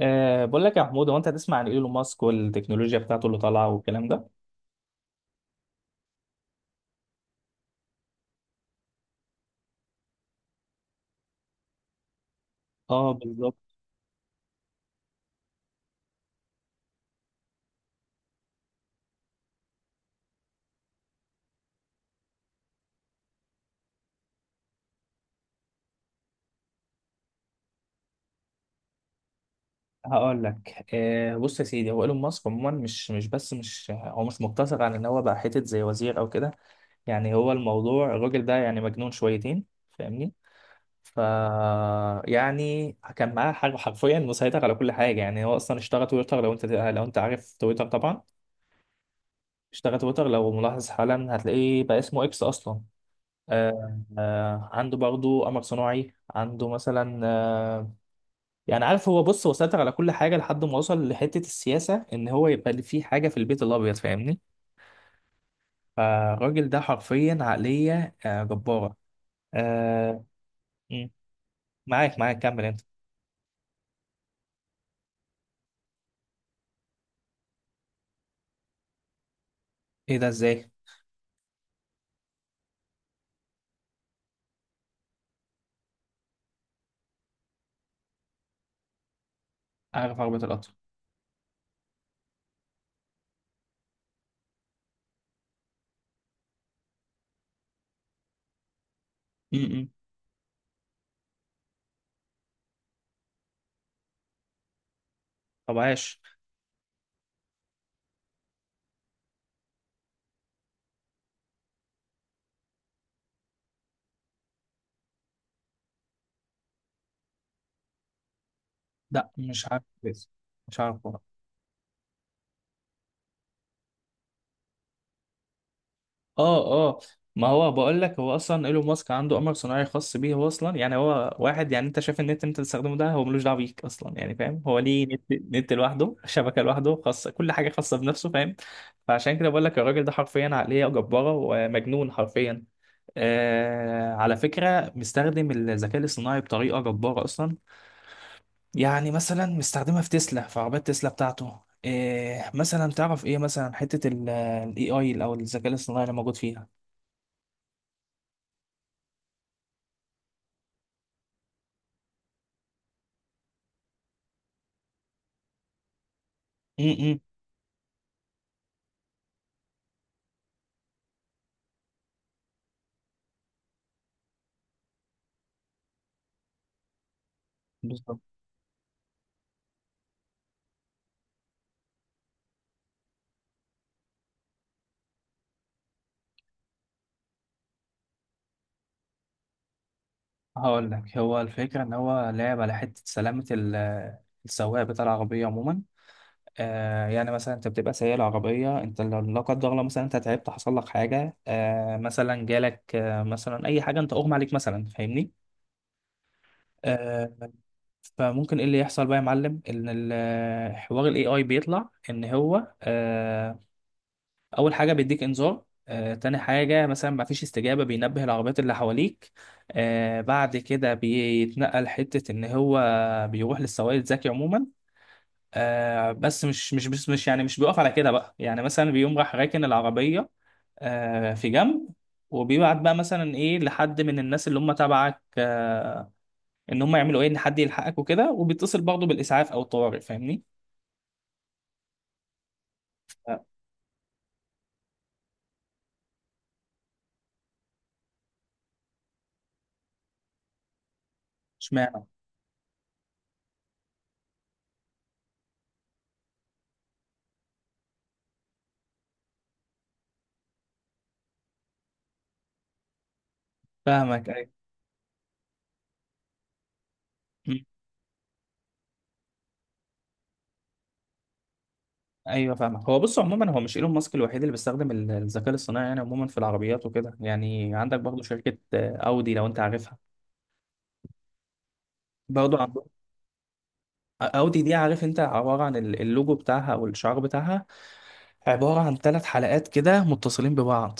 بقول لك يا محمود، هو انت هتسمع عن ايلون ماسك والتكنولوجيا بتاعته اللي طالعه والكلام ده. اه، بالظبط. هقول لك، بص يا سيدي، هو ايلون ماسك عموما مش بس مش هو مش مقتصر على ان هو بقى حتت زي وزير او كده. يعني هو الموضوع الراجل ده يعني مجنون شويتين، فاهمني؟ ف يعني كان معاه حاجه حرفيا مسيطر على كل حاجه. يعني هو اصلا اشترى تويتر، لو انت عارف تويتر طبعا. اشترى تويتر، لو ملاحظ حالا هتلاقيه بقى اسمه اكس اصلا. آه آه، عنده برضه قمر صناعي، عنده مثلا آه. يعني عارف، هو بص، هو سيطر على كل حاجة لحد ما وصل لحتة السياسة، إن هو يبقى اللي فيه حاجة في البيت الأبيض، فاهمني؟ فالراجل ده حرفيا عقلية آه جبارة. آه. مم. معاك كمل أنت. إيه ده إزاي؟ عارف عربية القطر. م- م. طب عاش. لا مش عارف بس. مش عارف. اه اه. ما هو بقول لك، هو اصلا ايلون ماسك عنده قمر صناعي خاص بيه هو اصلا. يعني هو واحد، يعني انت شايف النت اللي انت بتستخدمه ده، هو ملوش دعوه بيك اصلا، يعني فاهم؟ هو ليه نت لوحده، شبكه لوحده، خاصه، كل حاجه خاصه بنفسه، فاهم؟ فعشان كده بقول لك، الراجل ده حرفيا عقليه جباره ومجنون حرفيا. آه، على فكره مستخدم الذكاء الاصطناعي بطريقه جباره اصلا. يعني مثلا مستخدمها في تسلا، في عربيات تسلا بتاعته. إيه مثلا؟ تعرف ايه مثلا حته الاي اي او الذكاء الاصطناعي اللي موجود فيها؟ بالظبط. هقول لك، هو الفكرة إن هو لعب على حتة سلامة ال- السواق بتاع العربية عموما. آه، يعني مثلا أنت بتبقى سايق العربية، أنت لو لا قدر الله مثلا أنت تعبت، حصل لك حاجة، آه، مثلا جالك آه مثلا أي حاجة، أنت أغمى عليك مثلا، فاهمني؟ آه. فممكن إيه اللي يحصل بقى يا معلم؟ إن ال- حوار ال AI بيطلع إن هو اول حاجه بيديك انذار، تاني حاجة مثلا مفيش استجابة، بينبه العربيات اللي حواليك. آه، بعد كده بيتنقل حتة إن هو بيروح للسواق الذكي عموما. آه، بس مش بس مش يعني مش بيقف على كده بقى. يعني مثلا بيقوم راح راكن العربية آه في جنب، وبيبعت بقى مثلا ايه لحد من الناس اللي هم تبعك، آه، ان هم يعملوا ايه، ان حد يلحقك وكده. وبيتصل برضه بالاسعاف او الطوارئ، فاهمني؟ آه. اشمعنى؟ فاهمك، ايوه. ايوه فاهمك. هو بص، عموما هو مش ايلون ماسك الوحيد اللي بيستخدم ال- الذكاء الصناعي يعني عموما في العربيات وكده. يعني عندك برضه شركه اودي، لو انت عارفها، برضه عندهم. اودي دي، عارف انت، عباره عن ال- اللوجو بتاعها او الشعار بتاعها، عباره عن 3 حلقات كده متصلين ببعض.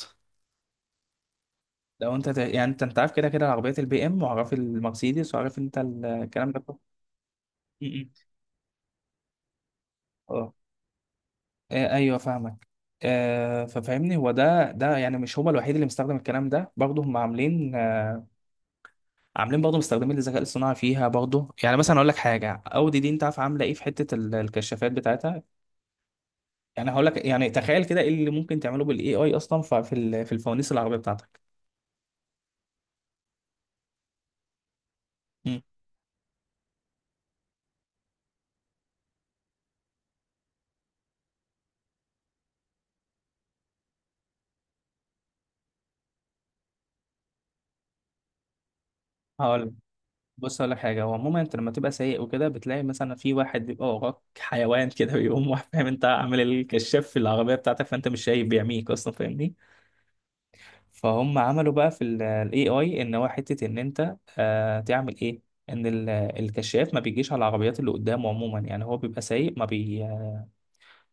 لو انت ت- يعني انت عارف كده كده عربيات البي ام، وعارف المرسيدس، وعارف انت ال- الكلام ده كله. م- م. اه. آه، ايوه فاهمك. آه، ففهمني، هو ده يعني مش هو الوحيد اللي مستخدم الكلام ده، برضه هم عاملين، عاملين برضه مستخدمين الذكاء الصناعي فيها برضه. يعني مثلا اقول لك حاجه، اودي دي انت عارف عامله ايه في حته ال- الكشافات بتاعتها؟ يعني هقول لك، يعني تخيل كده ايه اللي ممكن تعمله بالاي اي اصلا في ال- في الفوانيس العربيه بتاعتك. مم. هقول لك. بص هقول لك حاجه، هو عموما انت لما تبقى سايق وكده بتلاقي مثلا في واحد بيبقى وراك حيوان كده، بيقوم واحد، فاهم، انت عامل الكشاف في العربيه بتاعتك، فانت مش شايف، بيعميك اصلا، فاهمني؟ فهم عملوا بقى في الاي اي ان هو حته ان انت آه تعمل ايه، ان ال- الكشاف ما بيجيش على العربيات اللي قدامه عموما. يعني هو بيبقى سايق،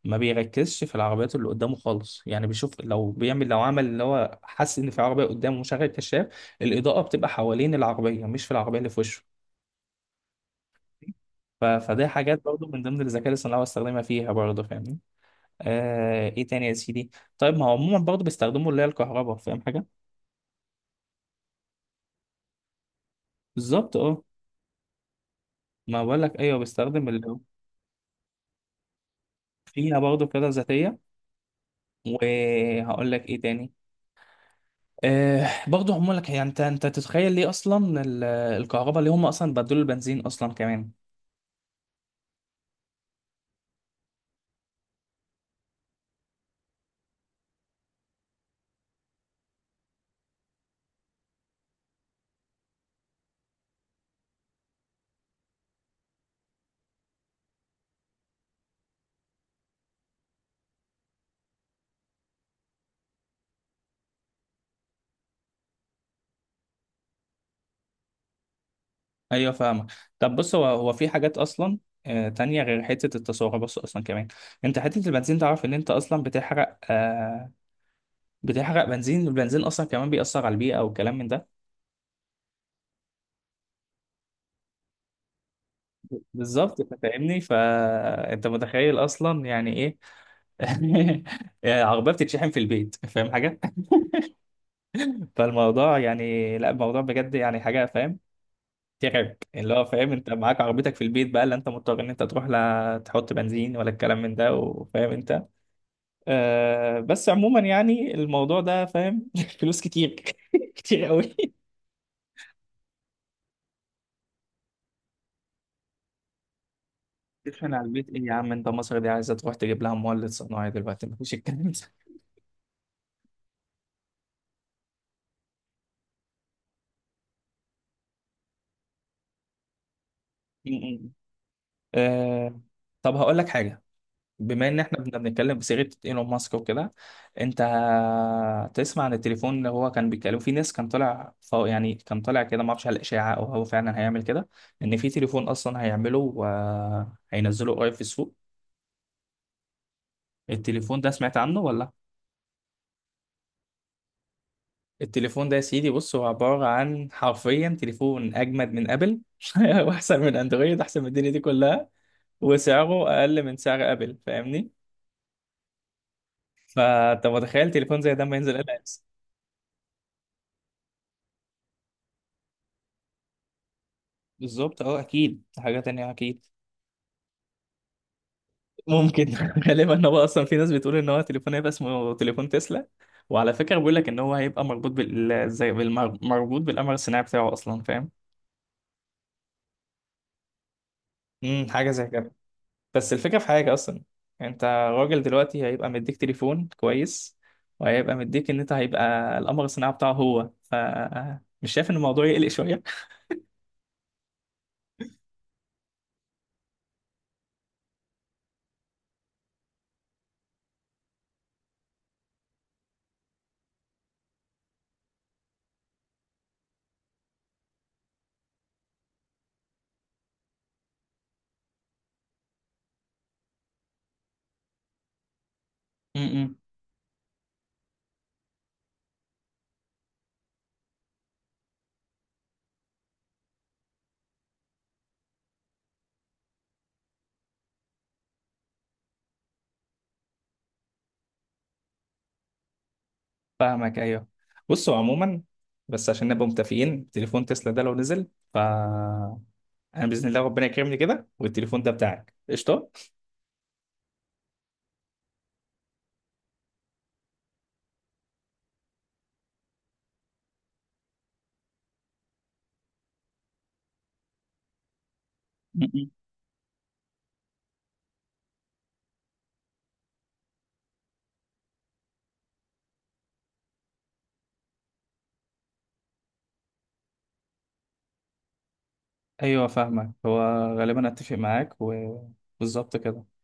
ما بيركزش في العربيات اللي قدامه خالص. يعني بيشوف لو بيعمل، لو عمل اللي هو، حس ان في عربيه قدامه ومشغل الكشاف، الاضاءه بتبقى حوالين العربيه مش في العربيه اللي في وشه. ف- فده حاجات برضو من ضمن الذكاء الاصطناعي بستخدمها فيها برضو، فاهمني؟ آه. ايه تاني يا سيدي؟ طيب ما هو عموما برضو بيستخدموا اللي هي الكهرباء، فاهم حاجه؟ بالظبط، اه. ما بقول لك ايوه، بستخدم اللي هو. فيها برضه قيادة ذاتية. وهقول لك ايه تاني. أه، برضه هم لك، يعني انت تتخيل ليه اصلا ال- الكهرباء، ليه هم اصلا بدلوا البنزين اصلا كمان؟ ايوه فاهمك. طب بص، هو في حاجات اصلا تانية غير حتة التسارع. بص أصلا كمان، أنت حتة البنزين، تعرف إن أنت أصلا بتحرق آه بتحرق بنزين، والبنزين أصلا كمان بيأثر على البيئة والكلام من ده. بالظبط. أنت فاهمني، فأنت متخيل أصلا يعني إيه؟ عربية بتتشحن في البيت، فاهم حاجة؟ فالموضوع يعني، لا الموضوع بجد يعني حاجه فاهم، ترعب. اللي هو فاهم، انت معاك عربيتك في البيت بقى، لا انت مضطر ان انت تروح لا تحط بنزين، ولا الكلام من ده، وفاهم انت. آه، بس عموما يعني الموضوع ده فاهم، فلوس كتير. كتير قوي. تشحن على البيت ايه يا عم انت؟ مصر دي عايزه تروح تجيب لها مولد صناعي دلوقتي، مفيش الكلام ده. م- م. آه. طب هقول لك حاجه، بما ان احنا كنا بنتكلم بصيغه ايلون ماسك وكده، انت تسمع عن التليفون اللي هو كان بيتكلم في ناس، كان طالع فوق يعني، كان طالع كده، ما اعرفش على الاشاعه او هو فعلا هيعمل كده، ان في تليفون اصلا هيعمله وهينزله قريب في السوق؟ التليفون ده سمعت عنه ولا؟ التليفون ده يا سيدي بص، هو عباره عن حرفيا تليفون اجمد من ابل، واحسن من اندرويد، احسن من الدنيا دي كلها، وسعره اقل من سعر ابل، فاهمني؟ فانت متخيل تليفون زي ده ما ينزل الا؟ بالظبط، اه، اكيد دي حاجه تانية اكيد. ممكن. غالبا، ان هو اصلا في ناس بتقول ان هو تليفون هيبقى اسمه تليفون تسلا. وعلى فكره بيقول لك ان هو هيبقى مربوط بال زي مربوط بالقمر الصناعي بتاعه اصلا، فاهم؟ امم، حاجه زي كده. بس الفكره في حاجه اصلا، انت راجل دلوقتي هيبقى مديك تليفون كويس، وهيبقى مديك ان انت هيبقى القمر الصناعي بتاعه هو. مش شايف ان الموضوع يقلق شويه؟ امم. فاهمك، ايوه. بصوا عموما، بس عشان نبقى متفقين، تليفون تسلا ده لو نزل، ف انا باذن الله ربنا يكرمني كده، والتليفون ده بتاعك قشطه. م- م. ايوه فاهمك. هو غالبا اتفق معاك، وبالظبط كده.